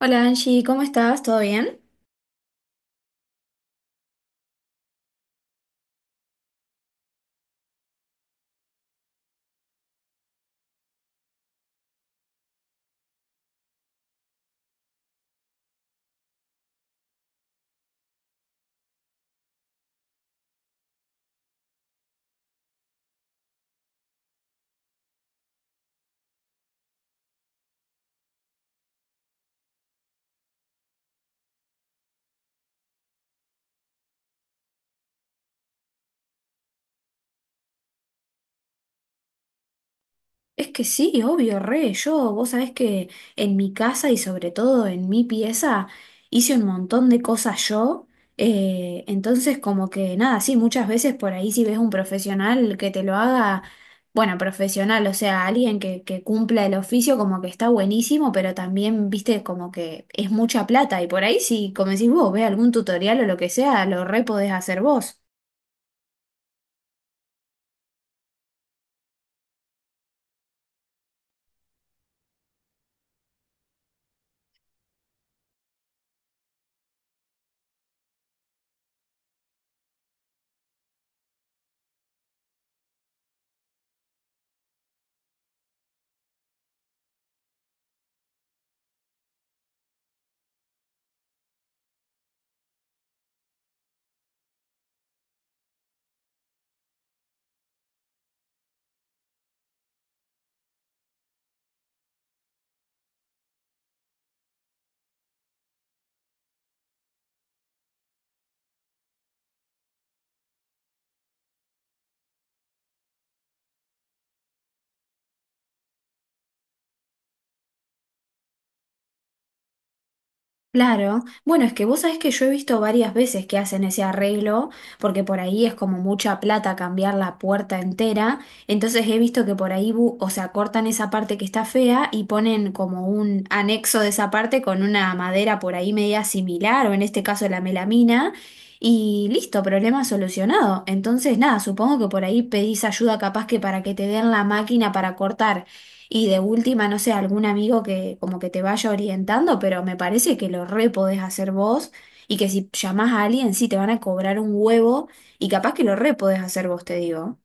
Hola Angie, ¿cómo estás? ¿Todo bien? Es que sí, obvio, re. Yo, vos sabés que en mi casa y sobre todo en mi pieza hice un montón de cosas yo. Entonces, como que nada, sí, muchas veces por ahí si ves un profesional que te lo haga, bueno, profesional, o sea, alguien que cumpla el oficio, como que está buenísimo, pero también, viste, como que es mucha plata. Y por ahí si, como decís vos, ves algún tutorial o lo que sea, lo re podés hacer vos. Claro, bueno, es que vos sabés que yo he visto varias veces que hacen ese arreglo, porque por ahí es como mucha plata cambiar la puerta entera, entonces he visto que por ahí, o sea, cortan esa parte que está fea y ponen como un anexo de esa parte con una madera por ahí media similar, o en este caso la melamina, y listo, problema solucionado. Entonces, nada, supongo que por ahí pedís ayuda capaz que para que te den la máquina para cortar. Y de última, no sé, algún amigo que como que te vaya orientando, pero me parece que lo re podés hacer vos y que si llamás a alguien sí te van a cobrar un huevo y capaz que lo re podés hacer vos, te digo.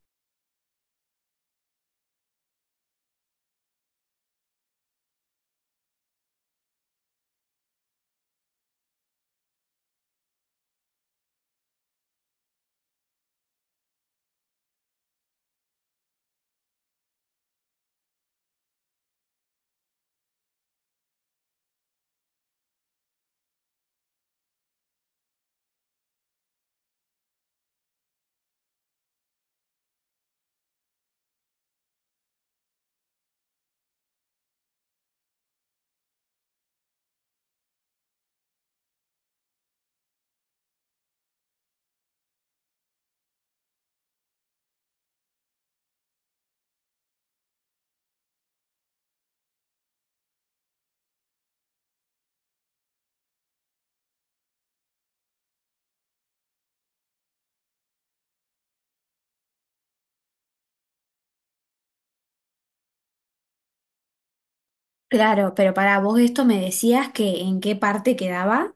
Claro, pero para vos esto me decías que en qué parte quedaba.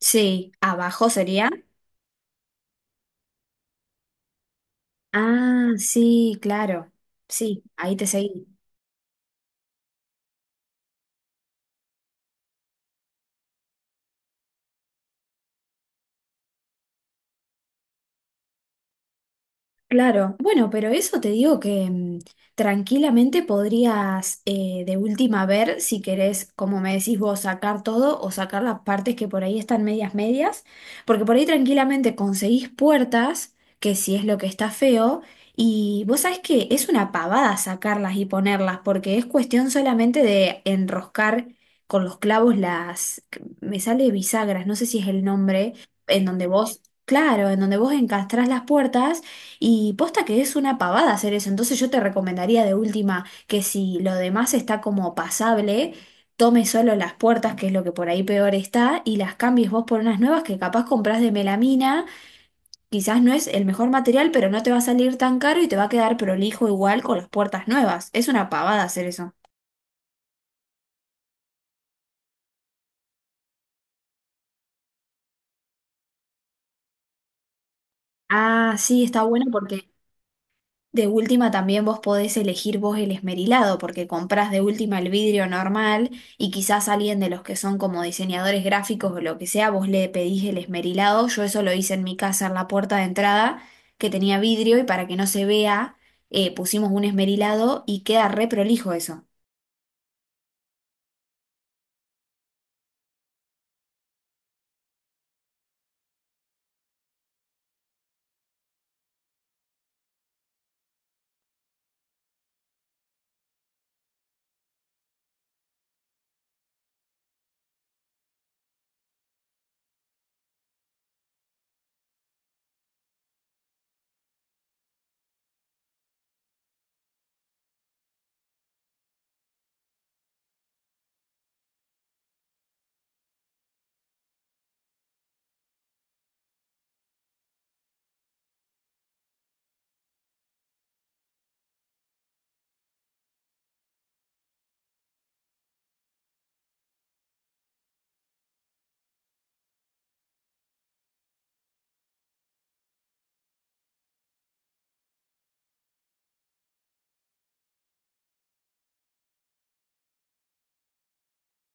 Sí, abajo sería. Ah, sí, claro. Sí, ahí te seguí. Claro, bueno, pero eso te digo que mm, tranquilamente podrías de última ver si querés, como me decís vos, sacar todo o sacar las partes que por ahí están medias medias, porque por ahí tranquilamente conseguís puertas, que si es lo que está feo, y vos sabés que es una pavada sacarlas y ponerlas, porque es cuestión solamente de enroscar con los clavos las, me sale bisagras, no sé si es el nombre, en donde vos... Claro, en donde vos encastrás las puertas y posta que es una pavada hacer eso, entonces yo te recomendaría de última que si lo demás está como pasable, tomes solo las puertas, que es lo que por ahí peor está, y las cambies vos por unas nuevas que capaz compras de melamina, quizás no es el mejor material, pero no te va a salir tan caro y te va a quedar prolijo igual con las puertas nuevas. Es una pavada hacer eso. Ah, sí, está bueno porque de última también vos podés elegir vos el esmerilado, porque comprás de última el vidrio normal y quizás alguien de los que son como diseñadores gráficos o lo que sea, vos le pedís el esmerilado. Yo eso lo hice en mi casa en la puerta de entrada, que tenía vidrio y para que no se vea, pusimos un esmerilado y queda re prolijo eso.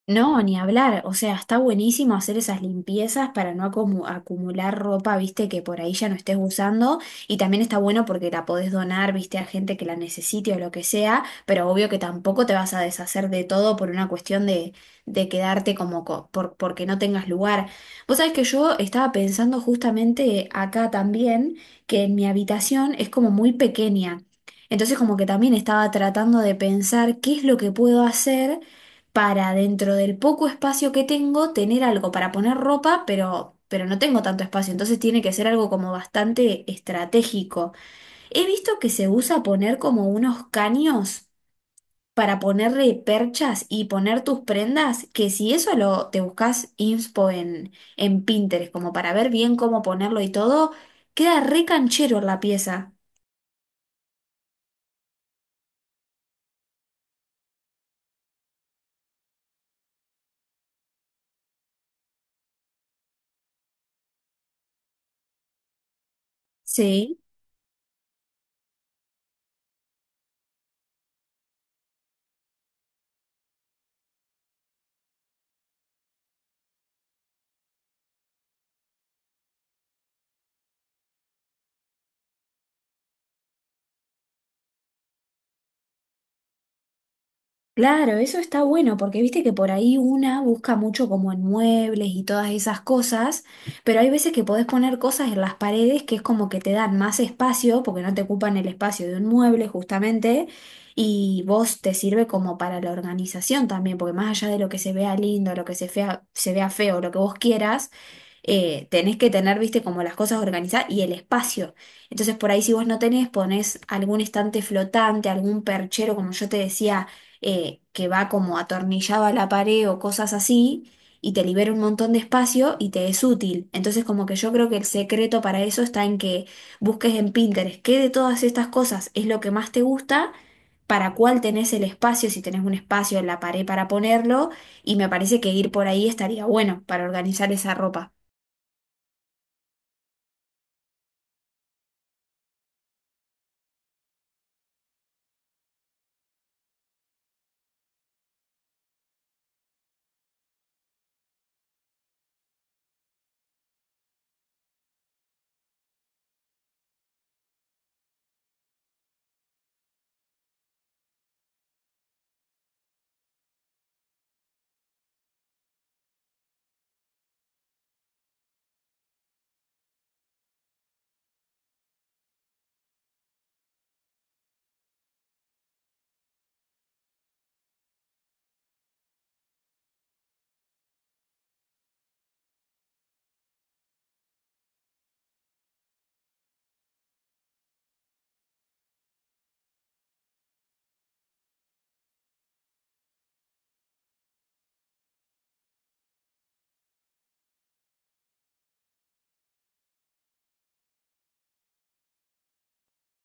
No, ni hablar. O sea, está buenísimo hacer esas limpiezas para no acumular ropa, viste, que por ahí ya no estés usando. Y también está bueno porque la podés donar, viste, a gente que la necesite o lo que sea. Pero obvio que tampoco te vas a deshacer de todo por una cuestión de quedarte como porque no tengas lugar. Vos sabés que yo estaba pensando justamente acá también que en mi habitación es como muy pequeña. Entonces como que también estaba tratando de pensar qué es lo que puedo hacer para dentro del poco espacio que tengo tener algo para poner ropa, pero no tengo tanto espacio, entonces tiene que ser algo como bastante estratégico. He visto que se usa poner como unos caños para ponerle perchas y poner tus prendas, que si eso lo te buscas inspo en Pinterest, como para ver bien cómo ponerlo y todo, queda re canchero la pieza. Sí. Claro, eso está bueno porque viste que por ahí una busca mucho como en muebles y todas esas cosas, pero hay veces que podés poner cosas en las paredes que es como que te dan más espacio porque no te ocupan el espacio de un mueble justamente y vos te sirve como para la organización también, porque más allá de lo que se vea lindo, lo que se vea feo, lo que vos quieras, tenés que tener, viste, como las cosas organizadas y el espacio. Entonces, por ahí si vos no tenés, ponés algún estante flotante, algún perchero, como yo te decía, que va como atornillado a la pared o cosas así, y te libera un montón de espacio y te es útil. Entonces, como que yo creo que el secreto para eso está en que busques en Pinterest qué de todas estas cosas es lo que más te gusta, para cuál tenés el espacio, si tenés un espacio en la pared para ponerlo, y me parece que ir por ahí estaría bueno para organizar esa ropa.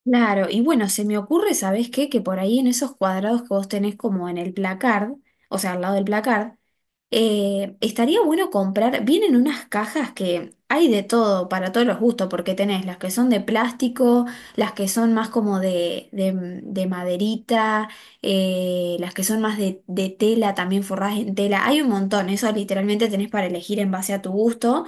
Claro, y bueno, se me ocurre, ¿sabés qué? Que por ahí en esos cuadrados que vos tenés como en el placard, o sea, al lado del placard, estaría bueno comprar, vienen unas cajas que hay de todo, para todos los gustos, porque tenés las que son de plástico, las que son más como de maderita, las que son más de tela, también forradas en tela, hay un montón, eso literalmente tenés para elegir en base a tu gusto,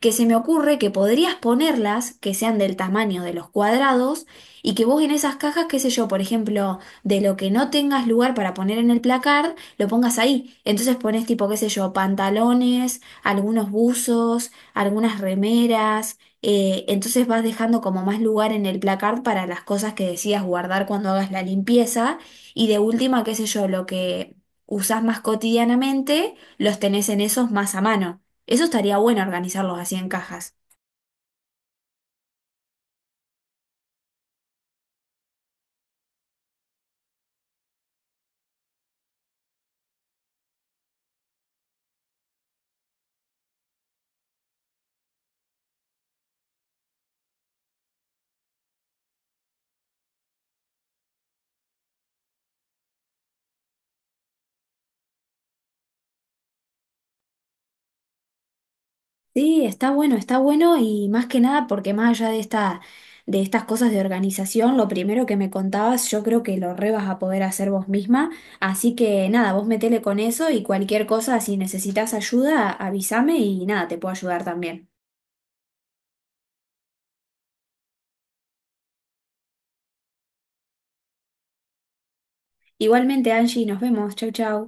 que se me ocurre que podrías ponerlas, que sean del tamaño de los cuadrados, y que vos en esas cajas, qué sé yo, por ejemplo, de lo que no tengas lugar para poner en el placard, lo pongas ahí. Entonces pones tipo, qué sé yo, pantalones, algunos buzos, algunas remeras. Entonces vas dejando como más lugar en el placard para las cosas que decidas guardar cuando hagas la limpieza. Y de última, qué sé yo, lo que usás más cotidianamente, los tenés en esos más a mano. Eso estaría bueno organizarlos así en cajas. Sí, está bueno y más que nada porque más allá de de estas cosas de organización, lo primero que me contabas, yo creo que lo re vas a poder hacer vos misma. Así que nada, vos metele con eso y cualquier cosa, si necesitas ayuda, avísame y nada, te puedo ayudar también. Igualmente, Angie, nos vemos. Chau, chau.